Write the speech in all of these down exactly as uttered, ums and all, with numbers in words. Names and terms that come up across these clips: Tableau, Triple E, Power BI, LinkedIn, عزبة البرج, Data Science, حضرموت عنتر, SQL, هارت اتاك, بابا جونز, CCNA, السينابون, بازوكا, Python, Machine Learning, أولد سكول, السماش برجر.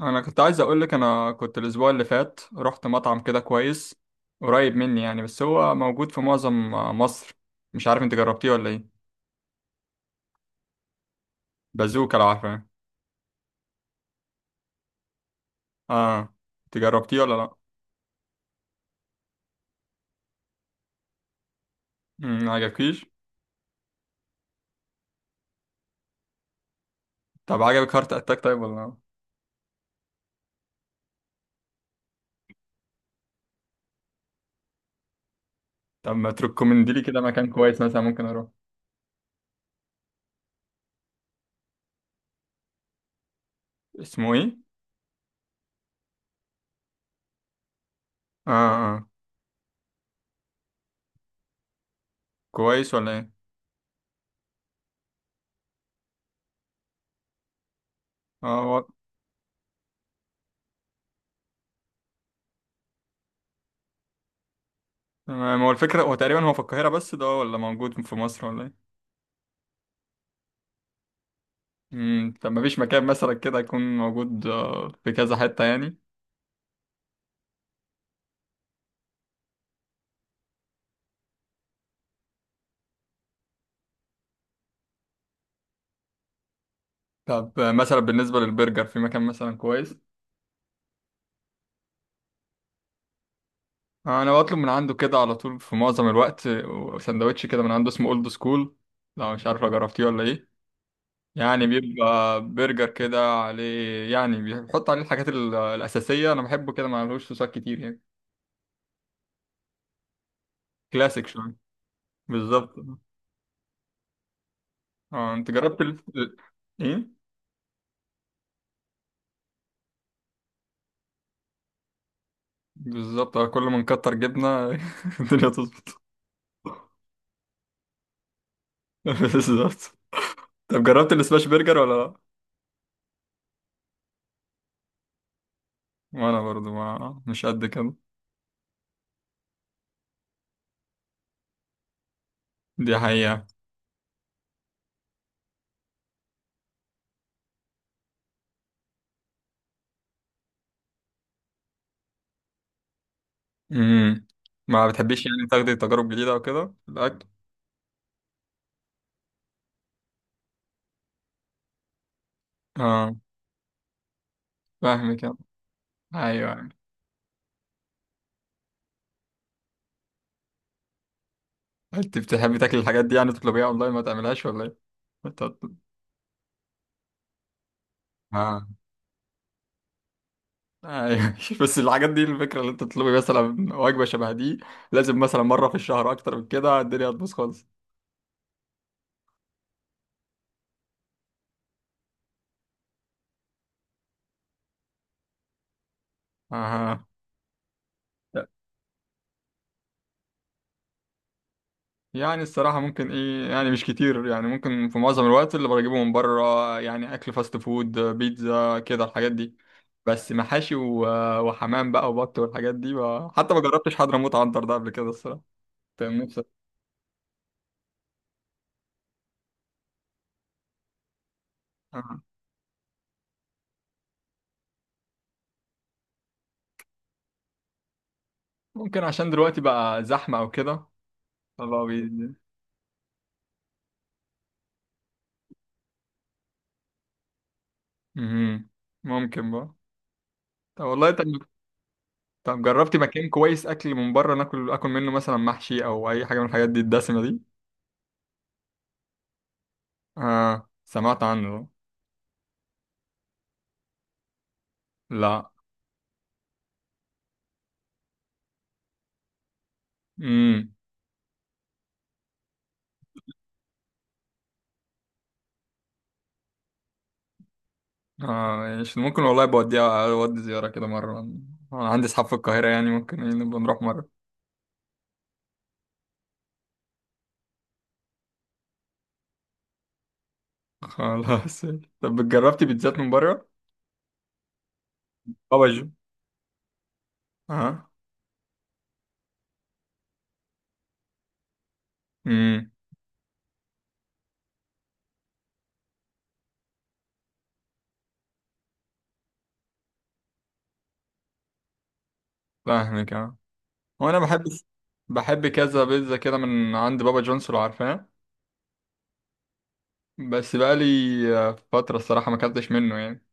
انا كنت عايز اقول لك، انا كنت الاسبوع اللي فات رحت مطعم كده كويس قريب مني يعني، بس هو موجود في معظم مصر. مش عارف انت جربتيه ولا ايه. بازوكا، لو عارفه. اه. انت جربتيه ولا لا؟ مم، ما عجبكيش. طب عجبك هارت اتاك طيب ولا لا؟ طب ما تركمندي لي كده مكان كويس مثلا ممكن اروح. اسمه ايه؟ اه اه. كويس ولا ايه؟ اه هو. تمام، هو الفكره هو تقريبا هو في القاهره بس ده ولا موجود في مصر ولا ايه؟ مم، طب ما فيش مكان مثلا كده يكون موجود آه، في كذا حته يعني؟ طب آه، مثلا بالنسبة للبرجر في مكان مثلا كويس؟ آه، أنا بطلب من عنده كده على طول في معظم الوقت، آه، سندوتش كده من عنده اسمه أولد سكول. لو مش عارف، لو جربتيه ولا إيه. يعني بيبقى برجر كده عليه، يعني بيحط عليه الحاجات ال- الأساسية. أنا بحبه كده، ما عليهوش صوصات كتير يعني. كلاسيك شوية. بالظبط. اه، أنت جربت ال... ال- إيه؟ بالظبط. آه، كل ما نكتر جبنة الدنيا تظبط. بالظبط. طب جربت السماش برجر ولا لأ؟ وأنا برضو ما مش قد كده. دي حقيقة. امم. ما بتحبيش يعني تاخدي تجارب جديدة او كده في الاكل؟ اه، فاهمك يعني. ايوه، أيوة. انت بتحبي تاكلي الحاجات دي يعني تطلبيها اونلاين ما تعملهاش ولا ايه؟ أنت بت- اه، ايوه. بس الحاجات دي، الفكرة اللي انت تطلبي مثلا وجبة شبه دي لازم مثلا مرة في الشهر، اكتر من كده الدنيا هتبوظ خالص. اها. يعني الصراحة ممكن ايه، يعني مش كتير. يعني ممكن في معظم الوقت اللي بجيبه من بره يعني اكل فاست فود، بيتزا، كده الحاجات دي. بس محاشي و- وحمام بقى وبط والحاجات دي بقى. حتى ما جربتش حضرموت عنتر ده قبل كده الصراحة. تمام، نفسي. آه. ممكن عشان دلوقتي بقى زحمة او كده، فبقى بي- مهم. ممكن بقى. طب والله، طب. طب جربتي مكان كويس اكل من بره ناكل اكل منه مثلا محشي او اي حاجة من الحاجات دي الدسمة دي؟ اه، سمعت عنه. لا. اه، مش ممكن والله، بوديها اودي زيارة كده مرة. انا عندي اصحاب في القاهرة، يعني ممكن إيه نبقى نروح مرة. خلاص. طب جربتي بيتزات من بره؟ طبعا. اه. امم. فاهمك. اه هو انا بحب، بحب كذا بيتزا كده من عند بابا جونز، لو عارفاه. بس بقى لي فترة الصراحة ما اكلتش منه يعني.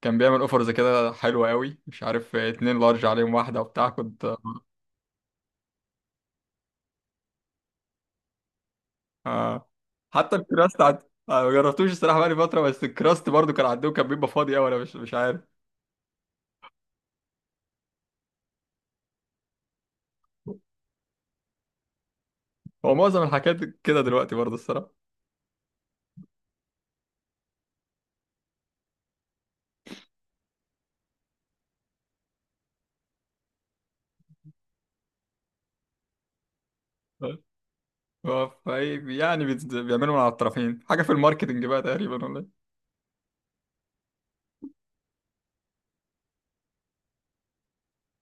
كان بيعمل اوفرز كده حلوة قوي، مش عارف، اتنين لارج عليهم واحدة وبتاع كنت. آه. حتى الكراست عند. أنا ما جربتوش الصراحه، بقالي فتره، بس الكراست برضو كان عندهم كان بيبقى فاضي قوي، انا مش مش عارف. هو معظم الحاجات كده دلوقتي برضو الصراحه. هو فاي يعني بيت- بيعملوا من على الطرفين حاجه في الماركتنج بقى تقريبا ولا إيه؟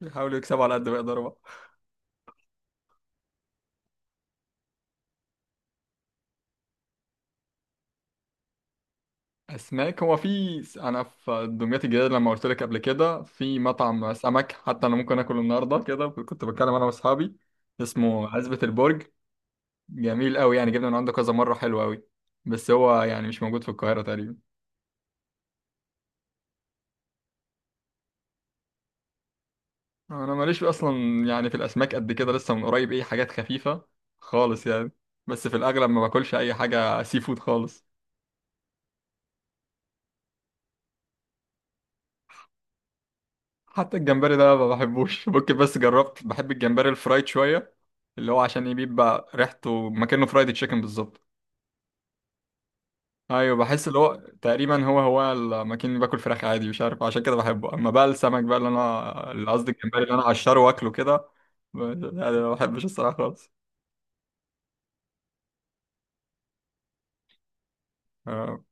بيحاولوا يكسبوا على قد ما يقدروا بقى. اسماك، هو في س- انا في دمياط الجديده لما قلت لك قبل كده في مطعم سمك، حتى انا ممكن اكله النهارده، كده كنت بتكلم انا واصحابي. اسمه عزبة البرج. جميل قوي يعني، جبنا من عنده كذا مره، حلو قوي. بس هو يعني مش موجود في القاهره تقريبا. انا ماليش اصلا، يعني في الاسماك قد كده، لسه من قريب ايه، حاجات خفيفه خالص يعني. بس في الاغلب ما باكلش اي حاجه سي فود خالص. حتى الجمبري ده ما بحبوش. ممكن بس جربت، بحب الجمبري الفرايد شويه، اللي هو عشان إيه بيبقى ريحته مكانه فرايد تشيكن بالظبط. ايوه، بحس اللي هو تقريبا هو هو المكان اللي باكل فراخ عادي، مش عارف عشان كده بحبه. اما بقى السمك بقى اللي انا، اللي قصدي الجمبري اللي انا اقشره واكله كده، ب- لا، أنا ما بحبش الصراحه خالص. آه.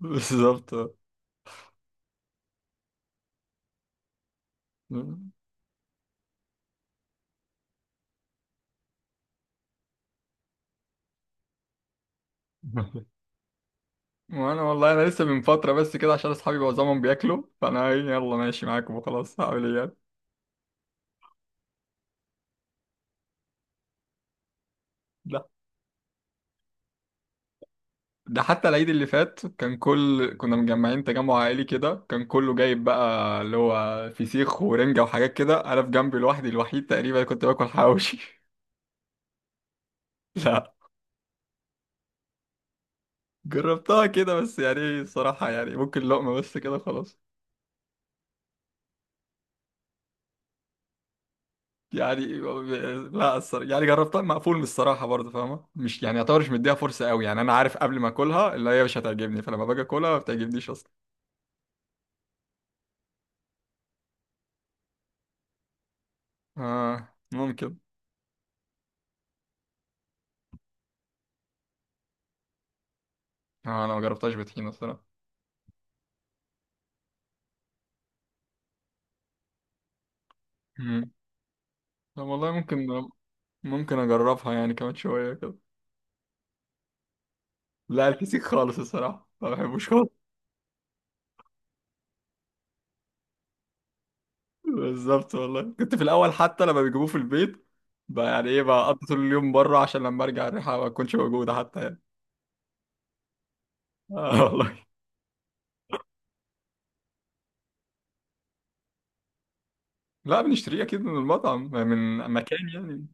بالظبط. وانا والله انا لسه من فتره بس كده، عشان اصحابي معظمهم بياكلوا، فانا إيه، يلا ماشي معاكم وخلاص، هعمل ايه يعني؟ لا. ده حتى العيد اللي فات كان كل، كنا مجمعين تجمع عائلي كده، كان كله جايب بقى اللي هو فسيخ ورنجه وحاجات كده، انا في جنبي لوحدي، الوحيد تقريبا كنت باكل حواوشي. لا. جربتها كده بس، يعني إيه، الصراحه يعني ممكن لقمه بس كده خلاص يعني. لا الصراحة، يعني جربتها مقفول من الصراحة برضه فاهمة، مش يعني يعتبر مش مديها فرصة قوي يعني، أنا عارف قبل ما أكلها اللي هي مش هتعجبني، فلما باجي أكلها ما بتعجبنيش أصلا. آه، ممكن. آه، أنا ما جربتهاش بطحينة الصراحة. مم. طب والله، ممكن. ممكن أجربها يعني كمان شوية كده. لا الفسيخ خالص الصراحة ما بحبوش خالص. بالظبط والله، كنت في الأول حتى لما بيجيبوه في البيت بقى، يعني إيه بقى، أقضي طول اليوم بره عشان لما أرجع الريحة ما تكونش موجودة حتى يعني. آه والله. لا، بنشتريه اكيد من المطعم، يعني من مكان يعني.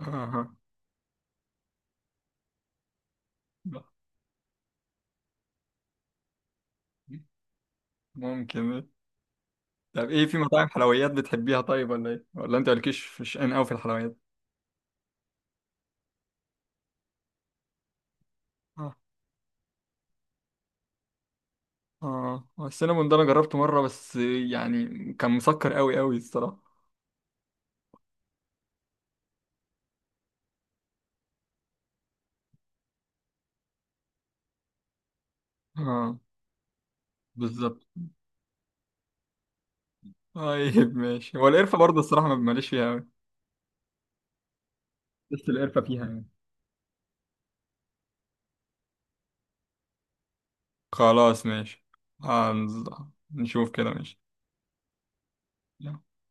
آه. ممكن. طب ايه، في مطاعم حلويات بتحبيها طيب ولا ايه، ولا انت مالكيش في شأن قوي في الحلويات؟ اه. اه السينابون ده انا جربته مره بس يعني، كان مسكر قوي قوي الصراحه. اه، بالظبط. طيب ماشي. هو القرفه برضه الصراحه ما ماليش فيها قوي، بس القرفه فيها يعني. خلاص ماشي. هنز- نشوف كده ماشي.